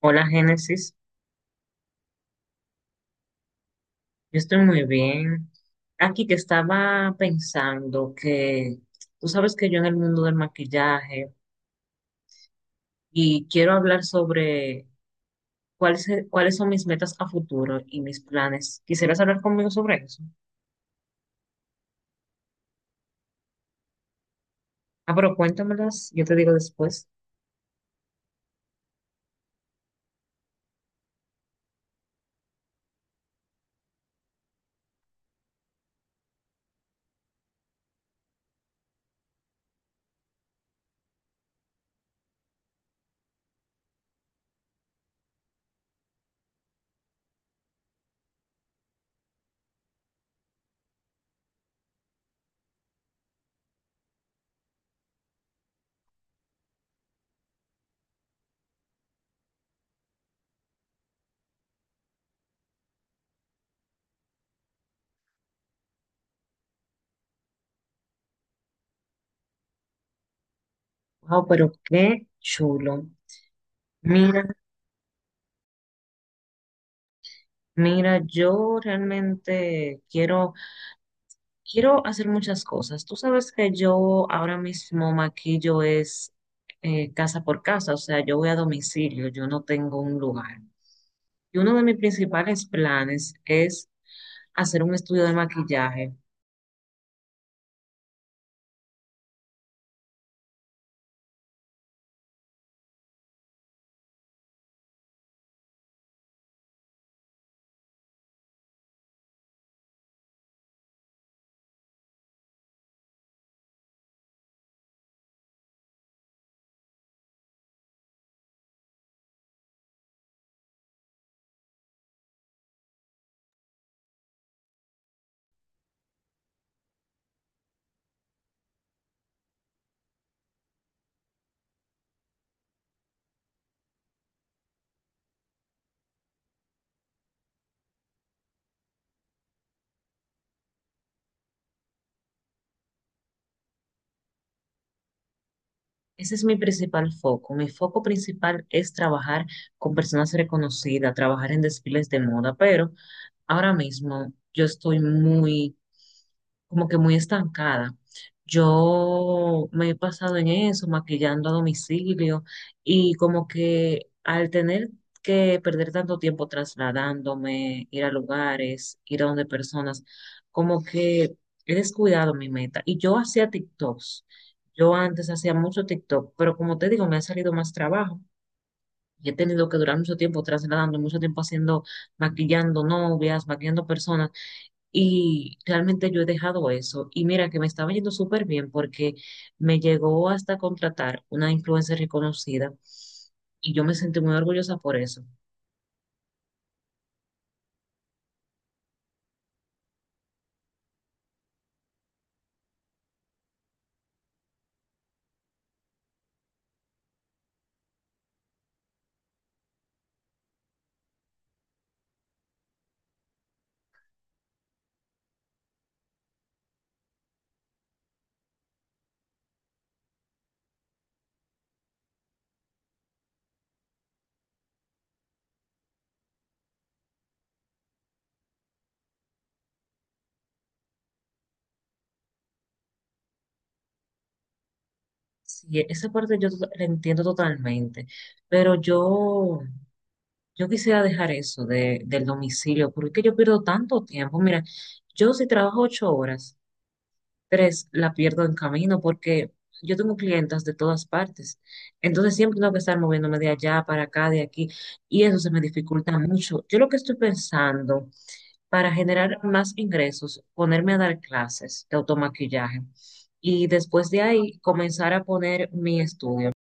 Hola, Génesis. Yo estoy muy bien. Aquí que estaba pensando que tú sabes que yo en el mundo del maquillaje y quiero hablar sobre cuáles son mis metas a futuro y mis planes. ¿Quisieras hablar conmigo sobre eso? Ah, pero cuéntamelas, yo te digo después. Wow, pero qué chulo. Mira, mira, yo realmente quiero hacer muchas cosas. Tú sabes que yo ahora mismo maquillo es casa por casa, o sea, yo voy a domicilio, yo no tengo un lugar. Y uno de mis principales planes es hacer un estudio de maquillaje. Ese es mi principal foco. Mi foco principal es trabajar con personas reconocidas, trabajar en desfiles de moda, pero ahora mismo yo estoy muy, como que muy estancada. Yo me he pasado en eso, maquillando a domicilio, y como que al tener que perder tanto tiempo trasladándome, ir a lugares, ir a donde personas, como que he descuidado mi meta. Y yo hacía TikToks. Yo antes hacía mucho TikTok, pero como te digo, me ha salido más trabajo. Y he tenido que durar mucho tiempo trasladando, mucho tiempo haciendo, maquillando novias, maquillando personas. Y realmente yo he dejado eso. Y mira que me estaba yendo súper bien porque me llegó hasta contratar una influencer reconocida. Y yo me sentí muy orgullosa por eso. Sí, esa parte yo to- la entiendo totalmente. Pero yo, yo quisiera dejar eso de, del domicilio porque es que yo pierdo tanto tiempo. Mira, yo si trabajo 8 horas, 3 la pierdo en camino porque yo tengo clientas de todas partes. Entonces siempre tengo que estar moviéndome de allá para acá, de aquí, y eso se me dificulta mucho. Yo lo que estoy pensando para generar más ingresos, ponerme a dar clases de automaquillaje y después de ahí comenzar a poner mi estudio.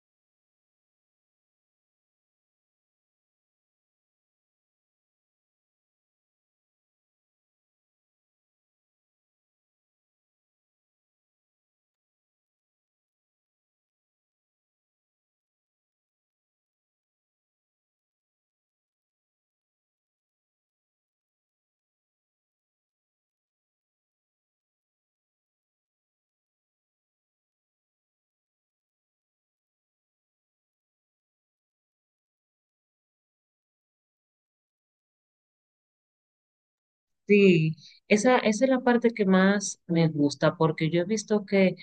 Sí, esa es la parte que más me gusta porque yo he visto que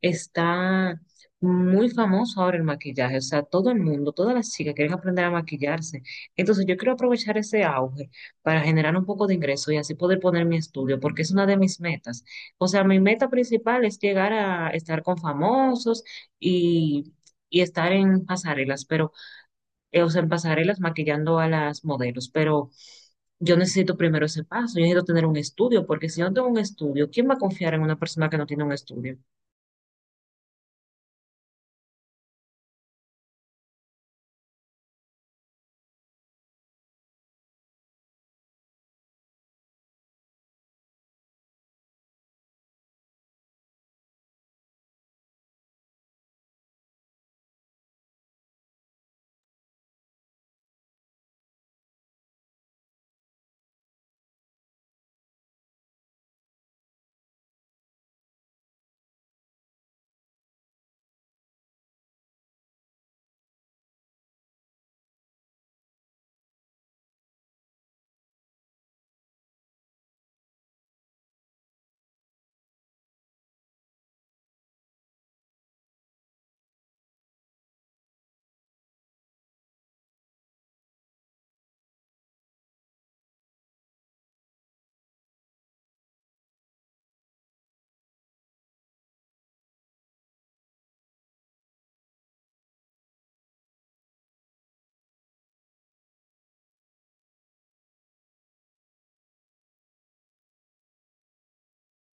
está muy famoso ahora el maquillaje, o sea, todo el mundo, todas las chicas quieren aprender a maquillarse. Entonces yo quiero aprovechar ese auge para generar un poco de ingreso y así poder poner mi estudio porque es una de mis metas. O sea, mi meta principal es llegar a estar con famosos y, y estar en pasarelas, pero, o sea, en pasarelas maquillando a las modelos, pero yo necesito primero ese paso, yo necesito tener un estudio, porque si yo no tengo un estudio, ¿quién va a confiar en una persona que no tiene un estudio?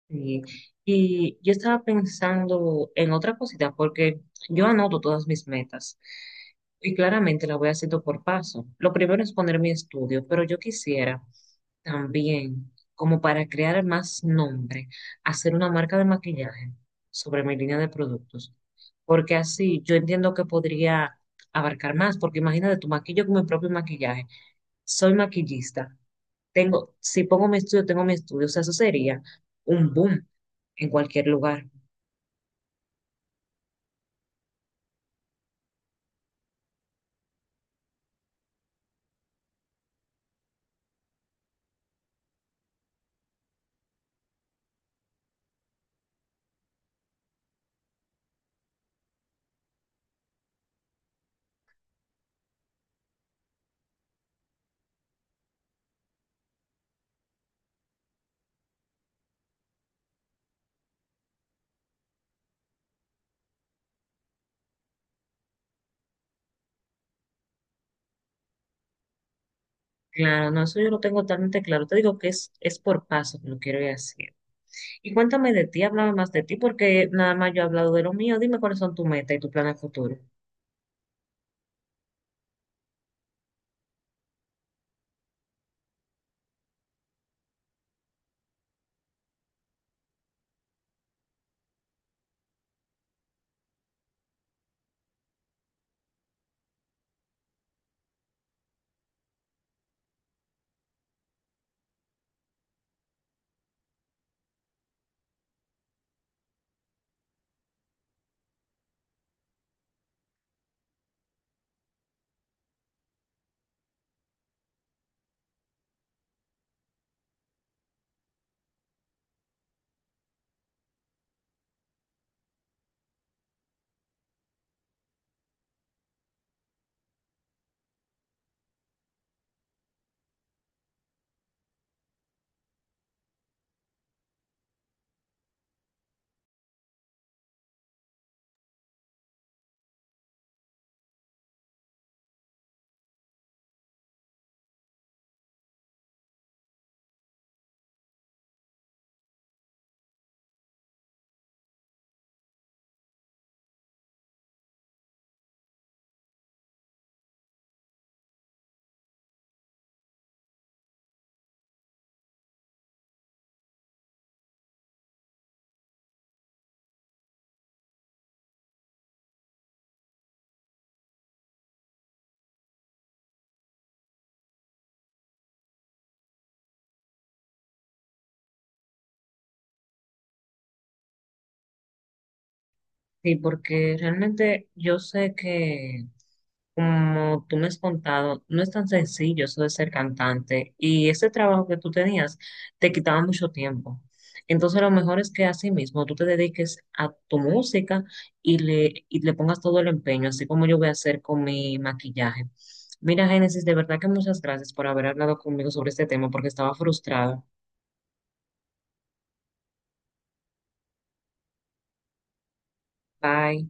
Y, y yo estaba pensando en otra cosita, porque yo anoto todas mis metas y claramente las voy haciendo por paso. Lo primero es poner mi estudio, pero yo quisiera también, como para crear más nombre, hacer una marca de maquillaje sobre mi línea de productos. Porque así yo entiendo que podría abarcar más, porque imagínate, tu maquillo con mi propio maquillaje. Soy maquillista. Tengo, si pongo mi estudio, tengo mi estudio. O sea, eso sería un boom en cualquier lugar. Claro, no, eso yo lo tengo totalmente claro. Te digo que es por paso que lo quiero ir haciendo. Y cuéntame de ti, háblame más de ti, porque nada más yo he hablado de lo mío. Dime cuáles son tus metas y tu plan a futuro. Sí, porque realmente yo sé que, como tú me has contado, no es tan sencillo eso de ser cantante y ese trabajo que tú tenías te quitaba mucho tiempo. Entonces, lo mejor es que así mismo tú te dediques a tu música y le pongas todo el empeño, así como yo voy a hacer con mi maquillaje. Mira, Génesis, de verdad que muchas gracias por haber hablado conmigo sobre este tema porque estaba frustrada. Bye.